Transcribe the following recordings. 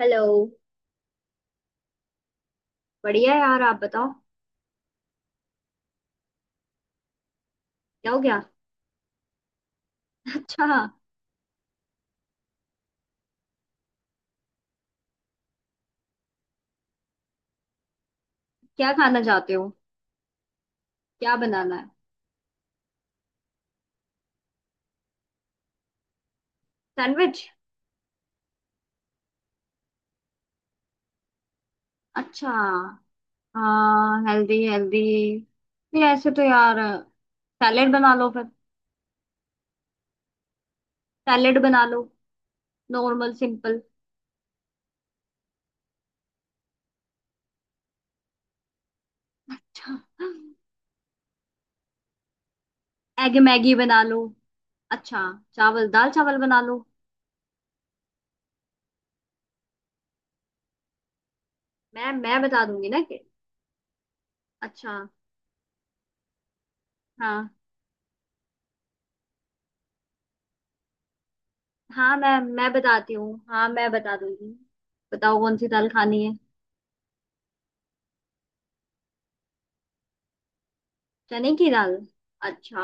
Hello. बढ़िया है यार, आप बताओ। क्या हो गया? अच्छा। क्या खाना चाहते हो? क्या बनाना है? सैंडविच। अच्छा। हाँ, हेल्दी हेल्दी। नहीं, ऐसे तो यार, सैलेड बना लो फिर। सैलेड बना लो, नॉर्मल सिंपल। अच्छा। एग मैगी बना लो। अच्छा। चावल दाल चावल बना लो। मैं बता दूंगी ना कि। अच्छा। हाँ हाँ, मैं बताती हूँ, हाँ मैं बता दूंगी। बताओ कौन सी दाल खानी है? चने की दाल। अच्छा।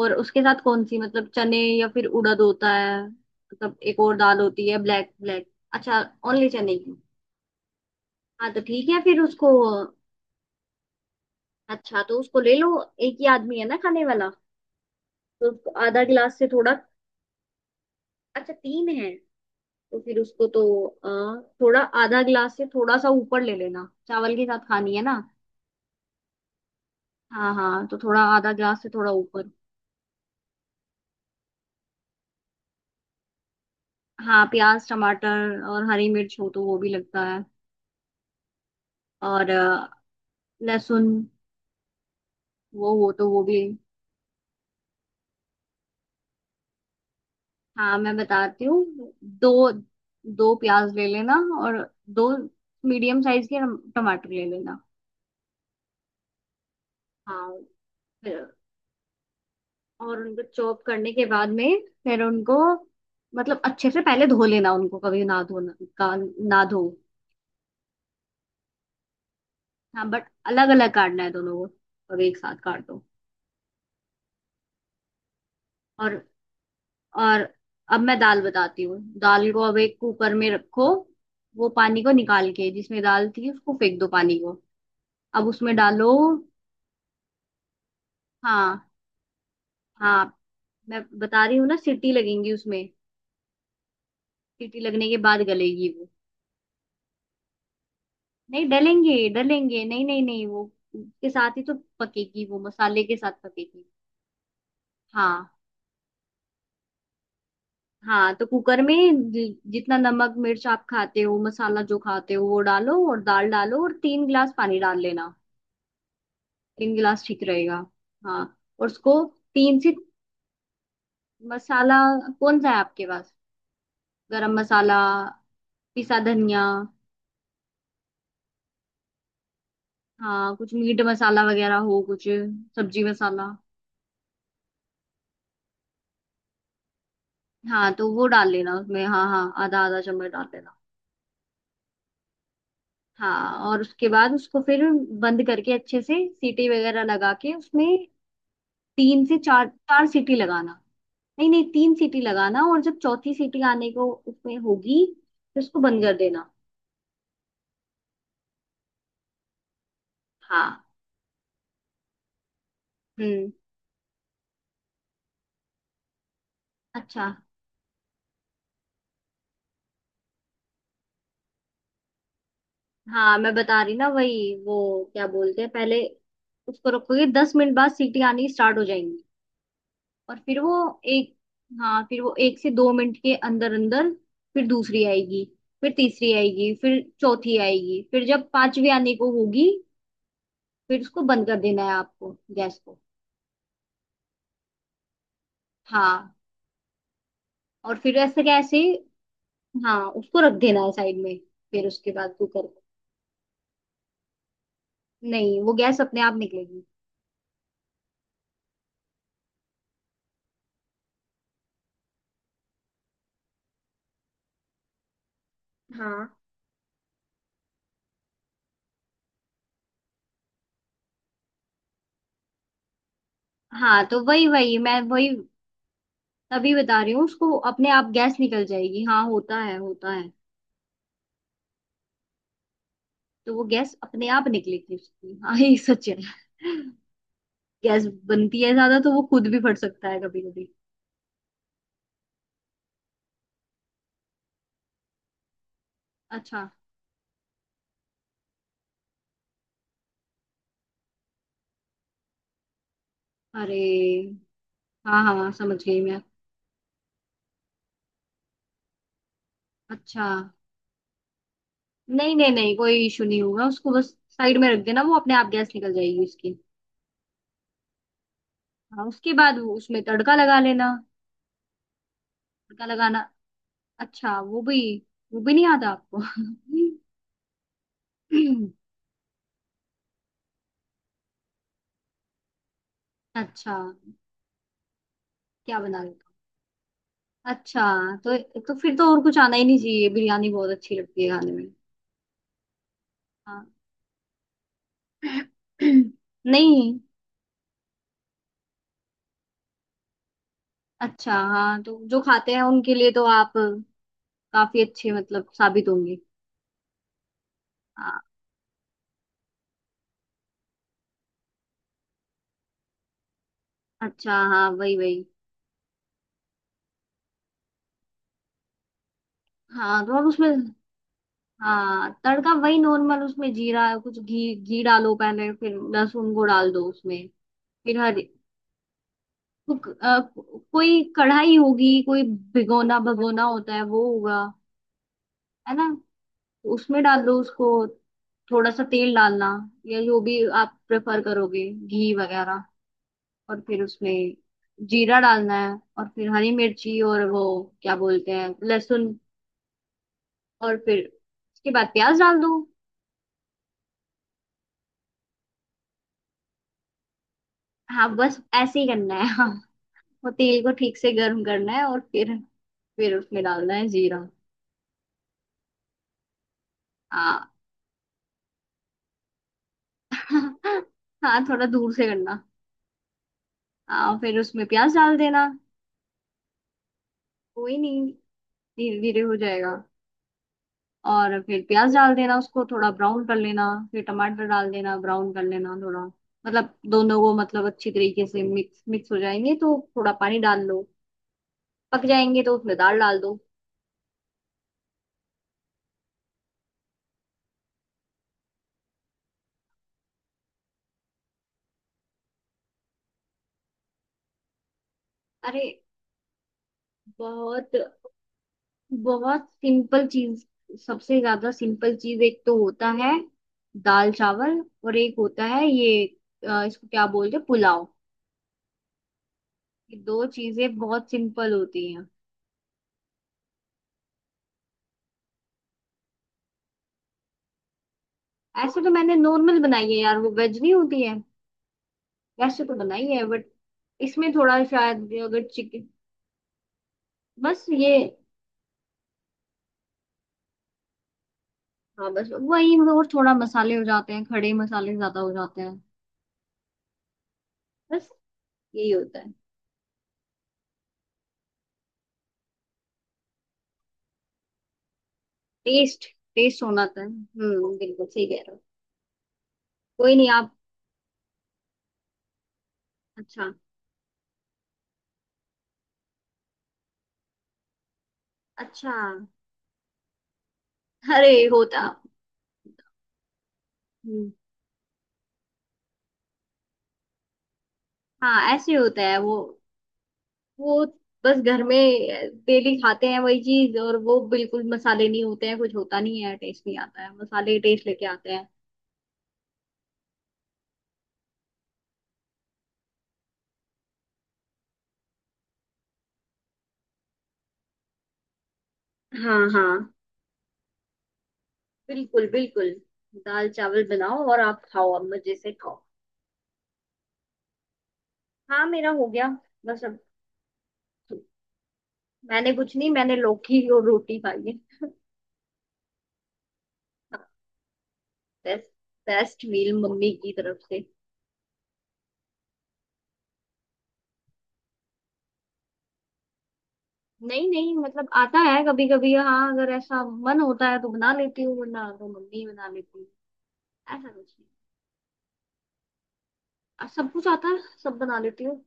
और उसके साथ कौन सी, मतलब चने या फिर उड़द होता है, मतलब एक और दाल होती है, ब्लैक ब्लैक। अच्छा। ओनली चने की? हाँ, तो ठीक है फिर उसको। अच्छा, तो उसको ले लो। एक ही आदमी है ना खाने वाला, तो उसको आधा गिलास से थोड़ा। अच्छा, तीन है। तो फिर उसको तो थोड़ा आधा गिलास से थोड़ा सा ऊपर ले लेना, चावल के साथ खानी है ना? हाँ हाँ, तो थोड़ा आधा गिलास से थोड़ा ऊपर। हाँ, प्याज टमाटर और हरी मिर्च हो तो वो भी लगता है, और लहसुन। वो तो वो भी। हाँ, मैं बताती हूँ। दो दो प्याज ले लेना, और दो मीडियम साइज के टमाटर ले लेना। हाँ। फिर, और उनको चॉप करने के बाद में फिर उनको, मतलब अच्छे से पहले धो लेना उनको, कभी ना धोना का ना धो। हाँ, बट अलग अलग काटना है दोनों को, अब एक साथ काट दो। और, और अब मैं दाल बताती हूँ, दाल को अब एक कुकर में रखो। वो पानी को निकाल के जिसमें दाल थी, उसको फेंक दो पानी को, अब उसमें डालो। हाँ हाँ, मैं बता रही हूँ ना, सीटी लगेंगी उसमें, सीटी लगने के बाद गलेगी वो। नहीं डलेंगे डलेंगे, नहीं नहीं नहीं, वो उसके साथ ही तो पकेगी, वो मसाले के साथ पकेगी। हाँ हाँ, तो कुकर में जितना नमक मिर्च आप खाते हो, मसाला जो खाते हो वो डालो, और दाल डालो, और 3 गिलास पानी डाल लेना। 3 गिलास ठीक रहेगा। हाँ, और उसको। तीन से, मसाला कौन सा है आपके पास? गरम मसाला, पिसा धनिया। हाँ, कुछ मीट मसाला वगैरह हो कुछ? सब्जी मसाला? हाँ, तो वो डाल लेना उसमें, हाँ हाँ, आधा आधा चम्मच डाल देना। हाँ, और उसके बाद उसको फिर बंद करके अच्छे से सीटी वगैरह लगा के उसमें, तीन से चार चार सीटी लगाना। नहीं नहीं, तीन सीटी लगाना, और जब चौथी सीटी आने को उसमें होगी तो उसको बंद कर देना। हाँ। हम्म। अच्छा। हाँ, मैं बता रही ना, वही वो क्या बोलते हैं, पहले उसको रखोगे 10 मिनट बाद सीटी आनी स्टार्ट हो जाएंगी, और फिर वो एक, हाँ फिर वो 1 से 2 मिनट के अंदर अंदर फिर दूसरी आएगी, फिर तीसरी आएगी, फिर चौथी आएगी, फिर जब पांचवी आने को होगी फिर उसको बंद कर देना है आपको, गैस को। हाँ। और फिर ऐसे कैसे। हाँ, उसको रख देना है साइड में, फिर उसके बाद कुकर को, नहीं वो गैस अपने आप निकलेगी। हाँ हाँ, तो वही वही मैं वही तभी बता रही हूँ, उसको अपने आप गैस निकल जाएगी हाँ, होता है होता है। तो वो गैस अपने आप निकलेगी उसकी, हाँ ये सच है। गैस बनती है ज्यादा तो वो खुद भी फट सकता है कभी कभी। अच्छा। अरे, हाँ हाँ समझ गई मैं। अच्छा। नहीं नहीं नहीं, कोई इशू नहीं होगा, उसको बस साइड में रख देना, वो अपने आप गैस निकल जाएगी उसकी। हाँ, उसके बाद वो उसमें तड़का लगा लेना। तड़का लगाना? अच्छा, वो भी नहीं आता आपको? अच्छा। क्या बना लेता हूँ? अच्छा, तो फिर तो और कुछ आना ही नहीं चाहिए, बिरयानी बहुत अच्छी लगती है खाने में। हाँ। नहीं। अच्छा, हाँ, तो जो खाते हैं उनके लिए तो आप काफी अच्छे मतलब साबित होंगे। हाँ। अच्छा हाँ, वही वही। हाँ, तो आप उसमें, हाँ, तड़का वही नॉर्मल, उसमें जीरा कुछ घी घी डालो पहले, फिर लहसुन को डाल दो उसमें। फिर हर तो, क- अ, कोई कढ़ाई होगी, कोई भिगोना भगोना होता है, वो होगा है ना? तो उसमें डाल दो उसको, थोड़ा सा तेल डालना, या जो भी आप प्रेफर करोगे, घी वगैरह। और फिर उसमें जीरा डालना है, और फिर हरी मिर्ची और वो क्या बोलते हैं, लहसुन। और फिर उसके बाद प्याज डाल दो। हाँ, बस ऐसे ही करना है। हाँ, वो तेल को ठीक से गर्म करना है और फिर, उसमें डालना है जीरा। हाँ। हाँ, थोड़ा दूर से करना। हाँ, फिर उसमें प्याज डाल देना। कोई नहीं, धीरे धीरे हो जाएगा। और फिर प्याज डाल देना, उसको थोड़ा ब्राउन कर लेना, फिर टमाटर डाल देना, ब्राउन कर लेना थोड़ा, मतलब दोनों को मतलब अच्छी तरीके से मिक्स मिक्स हो जाएंगे तो थोड़ा पानी डाल लो। पक जाएंगे तो उसमें दाल डाल दो। अरे, बहुत बहुत सिंपल चीज, सबसे ज्यादा सिंपल चीज एक तो होता है दाल चावल, और एक होता है ये इसको क्या बोलते हैं, पुलाव। ये दो चीजें बहुत सिंपल होती हैं। ऐसे तो मैंने नॉर्मल बनाई है यार, वो वेज नहीं होती है। वैसे तो बनाई है, बट इसमें थोड़ा शायद अगर चिकन, बस ये, हाँ बस वही मतलब, और थोड़ा मसाले हो जाते हैं, खड़े मसाले ज्यादा हो जाते हैं। बस, यही होता है। टेस्ट, टेस्ट होना था, हम्म, बिल्कुल सही कह रहे हो। कोई नहीं आप, अच्छा अच्छा, अरे होता। हम्म। हाँ, ऐसे होता है वो बस घर में डेली खाते हैं वही चीज, और वो बिल्कुल मसाले नहीं होते हैं, कुछ होता नहीं है, टेस्ट नहीं आता है, मसाले टेस्ट लेके आते हैं। हाँ हाँ, बिल्कुल बिल्कुल। दाल चावल बनाओ और आप खाओ, अब मजे से खाओ। हाँ, मेरा हो गया। बस अब। मैंने कुछ नहीं, मैंने लौकी और रोटी खाई है। बेस्ट, बेस्ट मील मम्मी की तरफ से। नहीं नहीं, मतलब आता है कभी कभी, हाँ, अगर ऐसा मन होता है तो बना लेती हूँ, वरना तो मम्मी ही बना लेती हूँ। ऐसा कुछ नहीं। सब कुछ आता है, सब बना लेती हूँ।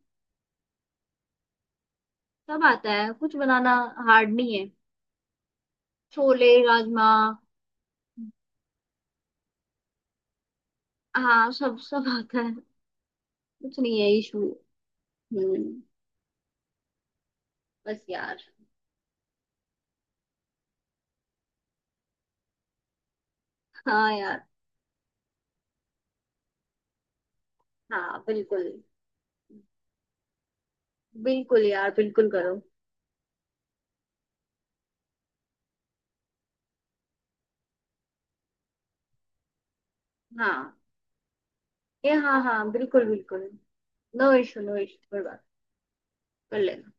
सब आता है, कुछ बनाना हार्ड नहीं है। छोले, राजमा। हाँ, सब सब आता है, कुछ नहीं है इशू। हम्म। बस यार। हाँ यार। हाँ बिल्कुल बिल्कुल यार, बिल्कुल करो। हाँ, ये, हाँ हाँ, बिल्कुल बिल्कुल, नो इशू, नो इशू, कोई बात कर लेना।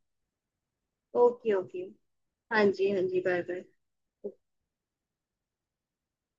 Okay okay. हाँ जी, हाँ जी, बाय बाय।